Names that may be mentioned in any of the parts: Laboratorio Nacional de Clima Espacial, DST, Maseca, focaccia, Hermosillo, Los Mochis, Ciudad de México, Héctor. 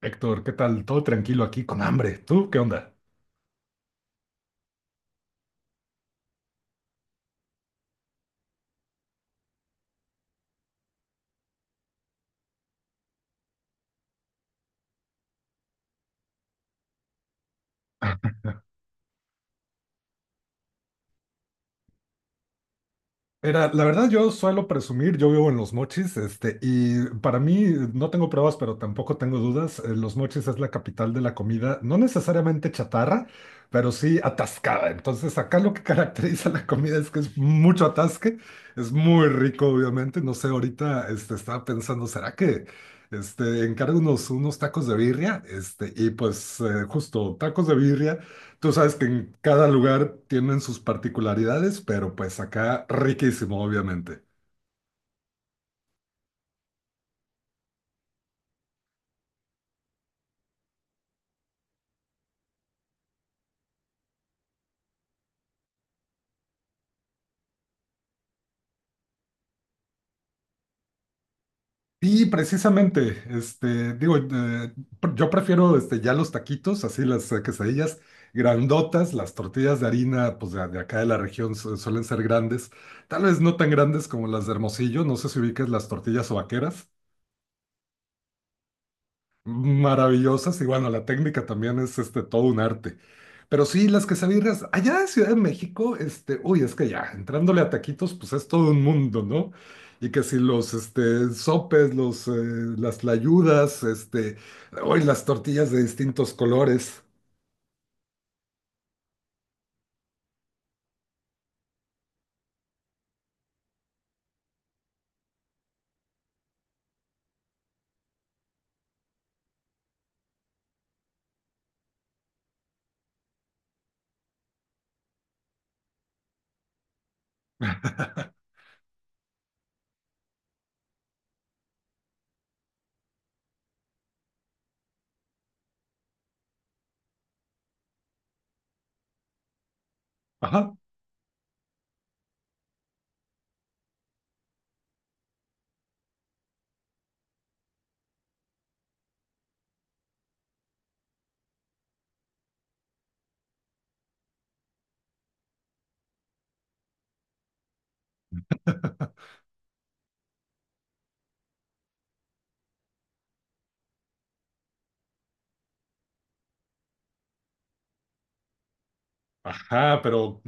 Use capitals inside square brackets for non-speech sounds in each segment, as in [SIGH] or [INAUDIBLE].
Héctor, ¿qué tal? Todo tranquilo aquí con hambre. ¿Tú qué onda? Era, la verdad, yo suelo presumir, yo vivo en Los Mochis, y para mí no tengo pruebas, pero tampoco tengo dudas. Los Mochis es la capital de la comida, no necesariamente chatarra, pero sí atascada. Entonces, acá lo que [LAUGHS] caracteriza la comida es que es mucho atasque, es muy rico, obviamente. No sé, ahorita estaba pensando, ¿será que encargo unos tacos de birria? Y pues, justo tacos de birria. Tú sabes que en cada lugar tienen sus particularidades, pero pues acá riquísimo, obviamente. Y precisamente, digo, yo prefiero ya los taquitos, así las quesadillas grandotas, las tortillas de harina, pues de acá de la región suelen ser grandes, tal vez no tan grandes como las de Hermosillo, no sé si ubicas las tortillas vaqueras. Maravillosas y bueno, la técnica también es todo un arte. Pero sí, las quesadillas allá en Ciudad de México, uy, es que ya entrándole a taquitos, pues es todo un mundo, ¿no? Y que si los sopes, las tlayudas, uy, las tortillas de distintos colores. Ajá. Ajá, pero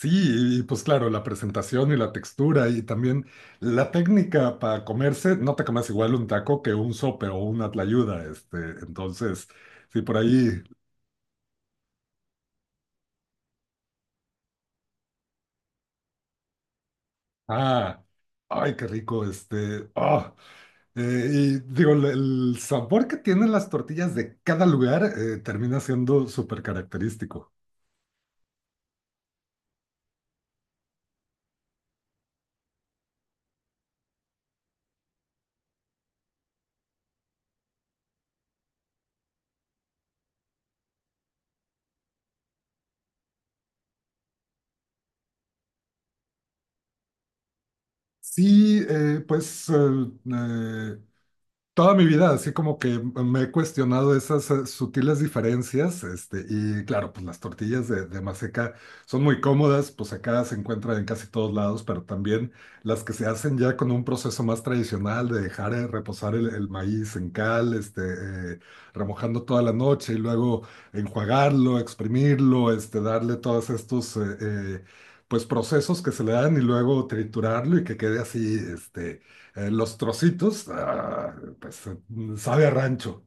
sí, y pues claro, la presentación y la textura y también la técnica para comerse, no te comes igual un taco que un sope o una tlayuda, entonces, sí, por ahí. ah, Ay, qué rico, y digo, el sabor que tienen las tortillas de cada lugar termina siendo súper característico. Sí, pues eh, toda mi vida, así como que me he cuestionado esas sutiles diferencias, y claro, pues las tortillas de maseca son muy cómodas, pues acá se encuentran en casi todos lados, pero también las que se hacen ya con un proceso más tradicional de dejar reposar el maíz en cal, remojando toda la noche y luego enjuagarlo, exprimirlo, darle todos estos, pues procesos que se le dan y luego triturarlo y que quede así, los trocitos, pues sabe a rancho.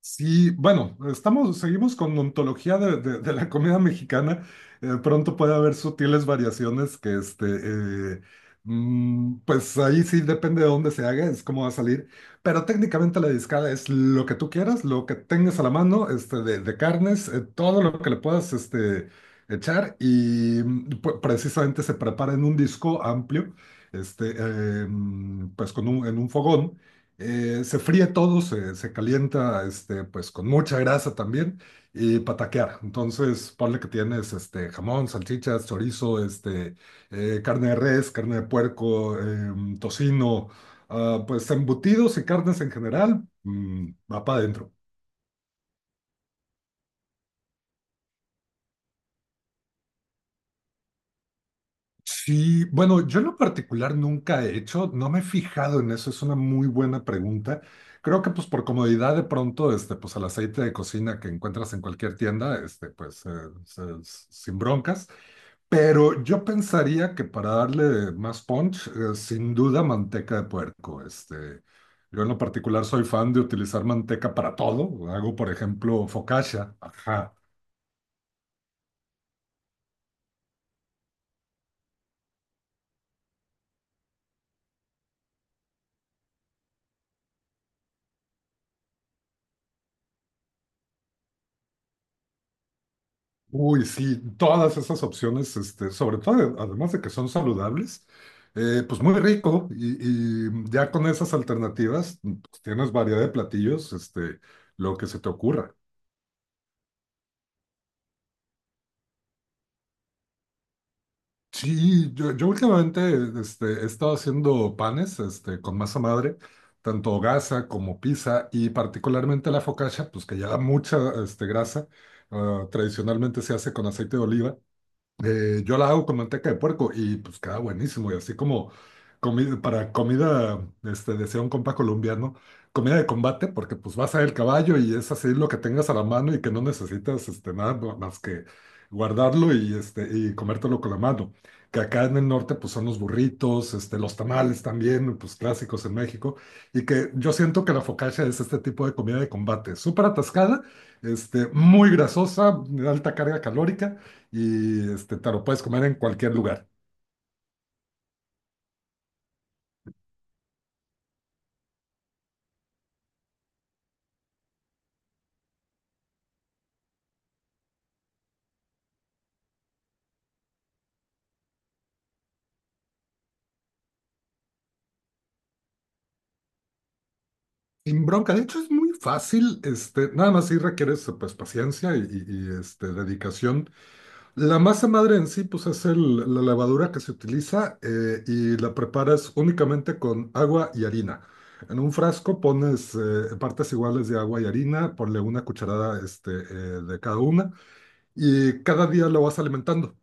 Sí, bueno, estamos, seguimos con ontología de la comida mexicana. Pronto puede haber sutiles variaciones que, eh, mm, pues ahí sí depende de dónde se haga, es cómo va a salir. Pero técnicamente la discada es lo que tú quieras, lo que tengas a la mano, de carnes, todo lo que le puedas, echar y precisamente se prepara en un disco amplio, pues con un, en un fogón. Se fríe todo, se calienta pues con mucha grasa también y pataquear. Entonces, ponle que tienes jamón, salchichas, chorizo, carne de res, carne de puerco, tocino, pues embutidos y carnes en general, va para adentro. Sí, bueno, yo en lo particular nunca he hecho, no me he fijado en eso, es una muy buena pregunta. Creo que pues por comodidad de pronto, pues el aceite de cocina que encuentras en cualquier tienda, pues sin broncas. Pero yo pensaría que para darle más punch, sin duda manteca de puerco. Yo en lo particular soy fan de utilizar manteca para todo. Hago, por ejemplo, focaccia. Ajá. Uy, sí, todas esas opciones, sobre todo, además de que son saludables, pues muy rico y ya con esas alternativas pues, tienes variedad de platillos, lo que se te ocurra. Sí, yo últimamente he estado haciendo panes con masa madre, tanto gasa como pizza y particularmente la focaccia, pues que lleva mucha grasa, tradicionalmente se hace con aceite de oliva. Yo la hago con manteca de puerco y pues queda buenísimo. Y así como para comida, decía un compa colombiano, comida de combate, porque pues vas a el caballo y es así lo que tengas a la mano y que no necesitas este, nada ma- más que guardarlo y, y comértelo con la mano. Que acá en el norte pues son los burritos, los tamales también, pues clásicos en México. Y que yo siento que la focaccia es este tipo de comida de combate, súper atascada, muy grasosa, de alta carga calórica y te lo puedes comer en cualquier lugar. Sin bronca, de hecho es muy fácil, nada más sí requieres pues paciencia y dedicación. La masa madre en sí pues es la levadura que se utiliza y la preparas únicamente con agua y harina. En un frasco pones partes iguales de agua y harina, ponle una cucharada de cada una y cada día lo vas alimentando.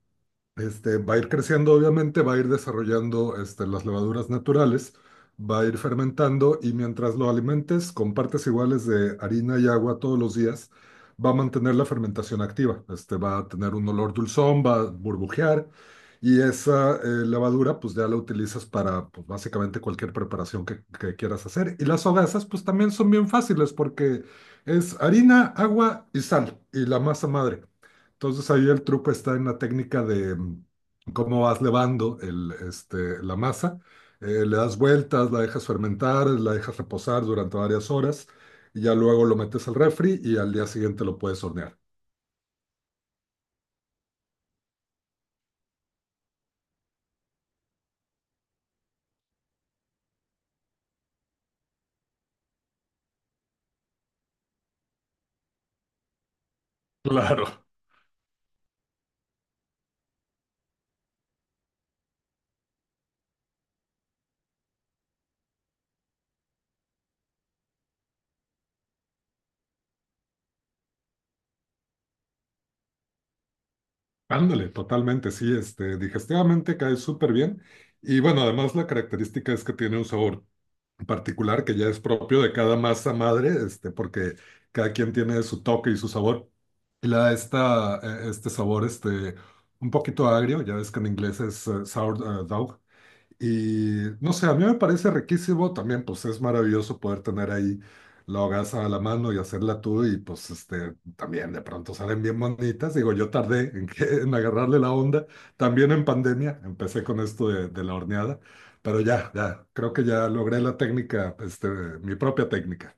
Va a ir creciendo, obviamente, va a ir desarrollando las levaduras naturales, va a ir fermentando y mientras lo alimentes con partes iguales de harina y agua todos los días, va a mantener la fermentación activa. Va a tener un olor dulzón, va a burbujear y esa levadura pues ya la utilizas para pues, básicamente cualquier preparación que quieras hacer. Y las hogazas pues también son bien fáciles porque es harina, agua y sal y la masa madre. Entonces ahí el truco está en la técnica de cómo vas levando la masa. Le das vueltas, la dejas fermentar, la dejas reposar durante varias horas y ya luego lo metes al refri y al día siguiente lo puedes hornear. Claro, ándale, totalmente, sí, digestivamente cae súper bien. Y bueno, además la característica es que tiene un sabor particular que ya es propio de cada masa madre, porque cada quien tiene su toque y su sabor. Y le da este sabor un poquito agrio, ya ves que en inglés es sour dog. Y no sé, a mí me parece riquísimo también, pues es maravilloso poder tener ahí la hogaza a la mano y hacerla tú y pues también de pronto salen bien bonitas. Digo, yo tardé en agarrarle la onda, también en pandemia, empecé con esto de la horneada, pero ya, creo que ya logré la técnica, mi propia técnica.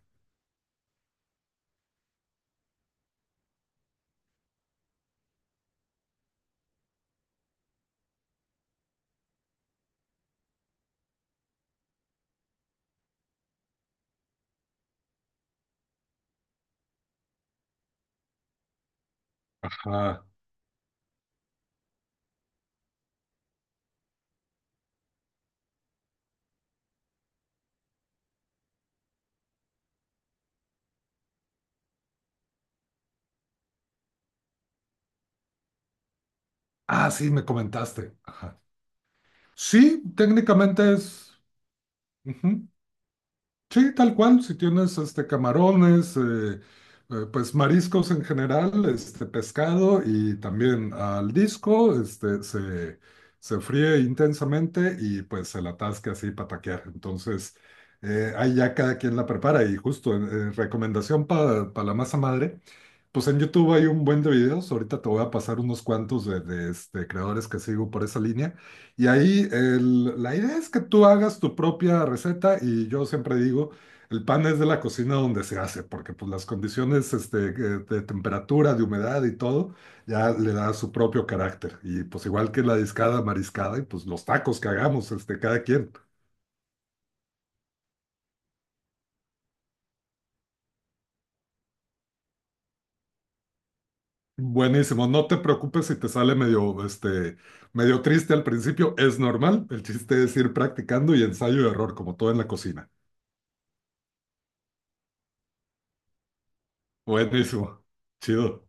Ajá. Ah, sí, me comentaste. Ajá. Sí, técnicamente es, ujú, sí, tal cual, si tienes camarones, pues mariscos en general, pescado y también al disco, se fríe intensamente y pues se la atasca así para taquear. Entonces, ahí ya cada quien la prepara y justo recomendación para la masa madre. Pues en YouTube hay un buen de videos, ahorita te voy a pasar unos cuantos de creadores que sigo por esa línea. Y ahí la idea es que tú hagas tu propia receta y yo siempre digo, el pan es de la cocina donde se hace, porque pues las condiciones de temperatura, de humedad y todo, ya le da su propio carácter. Y pues igual que la discada, mariscada y pues los tacos que hagamos, cada quien. Buenísimo, no te preocupes si te sale medio, medio triste al principio, es normal. El chiste es ir practicando y ensayo y error, como todo en la cocina. Buenísimo, chido.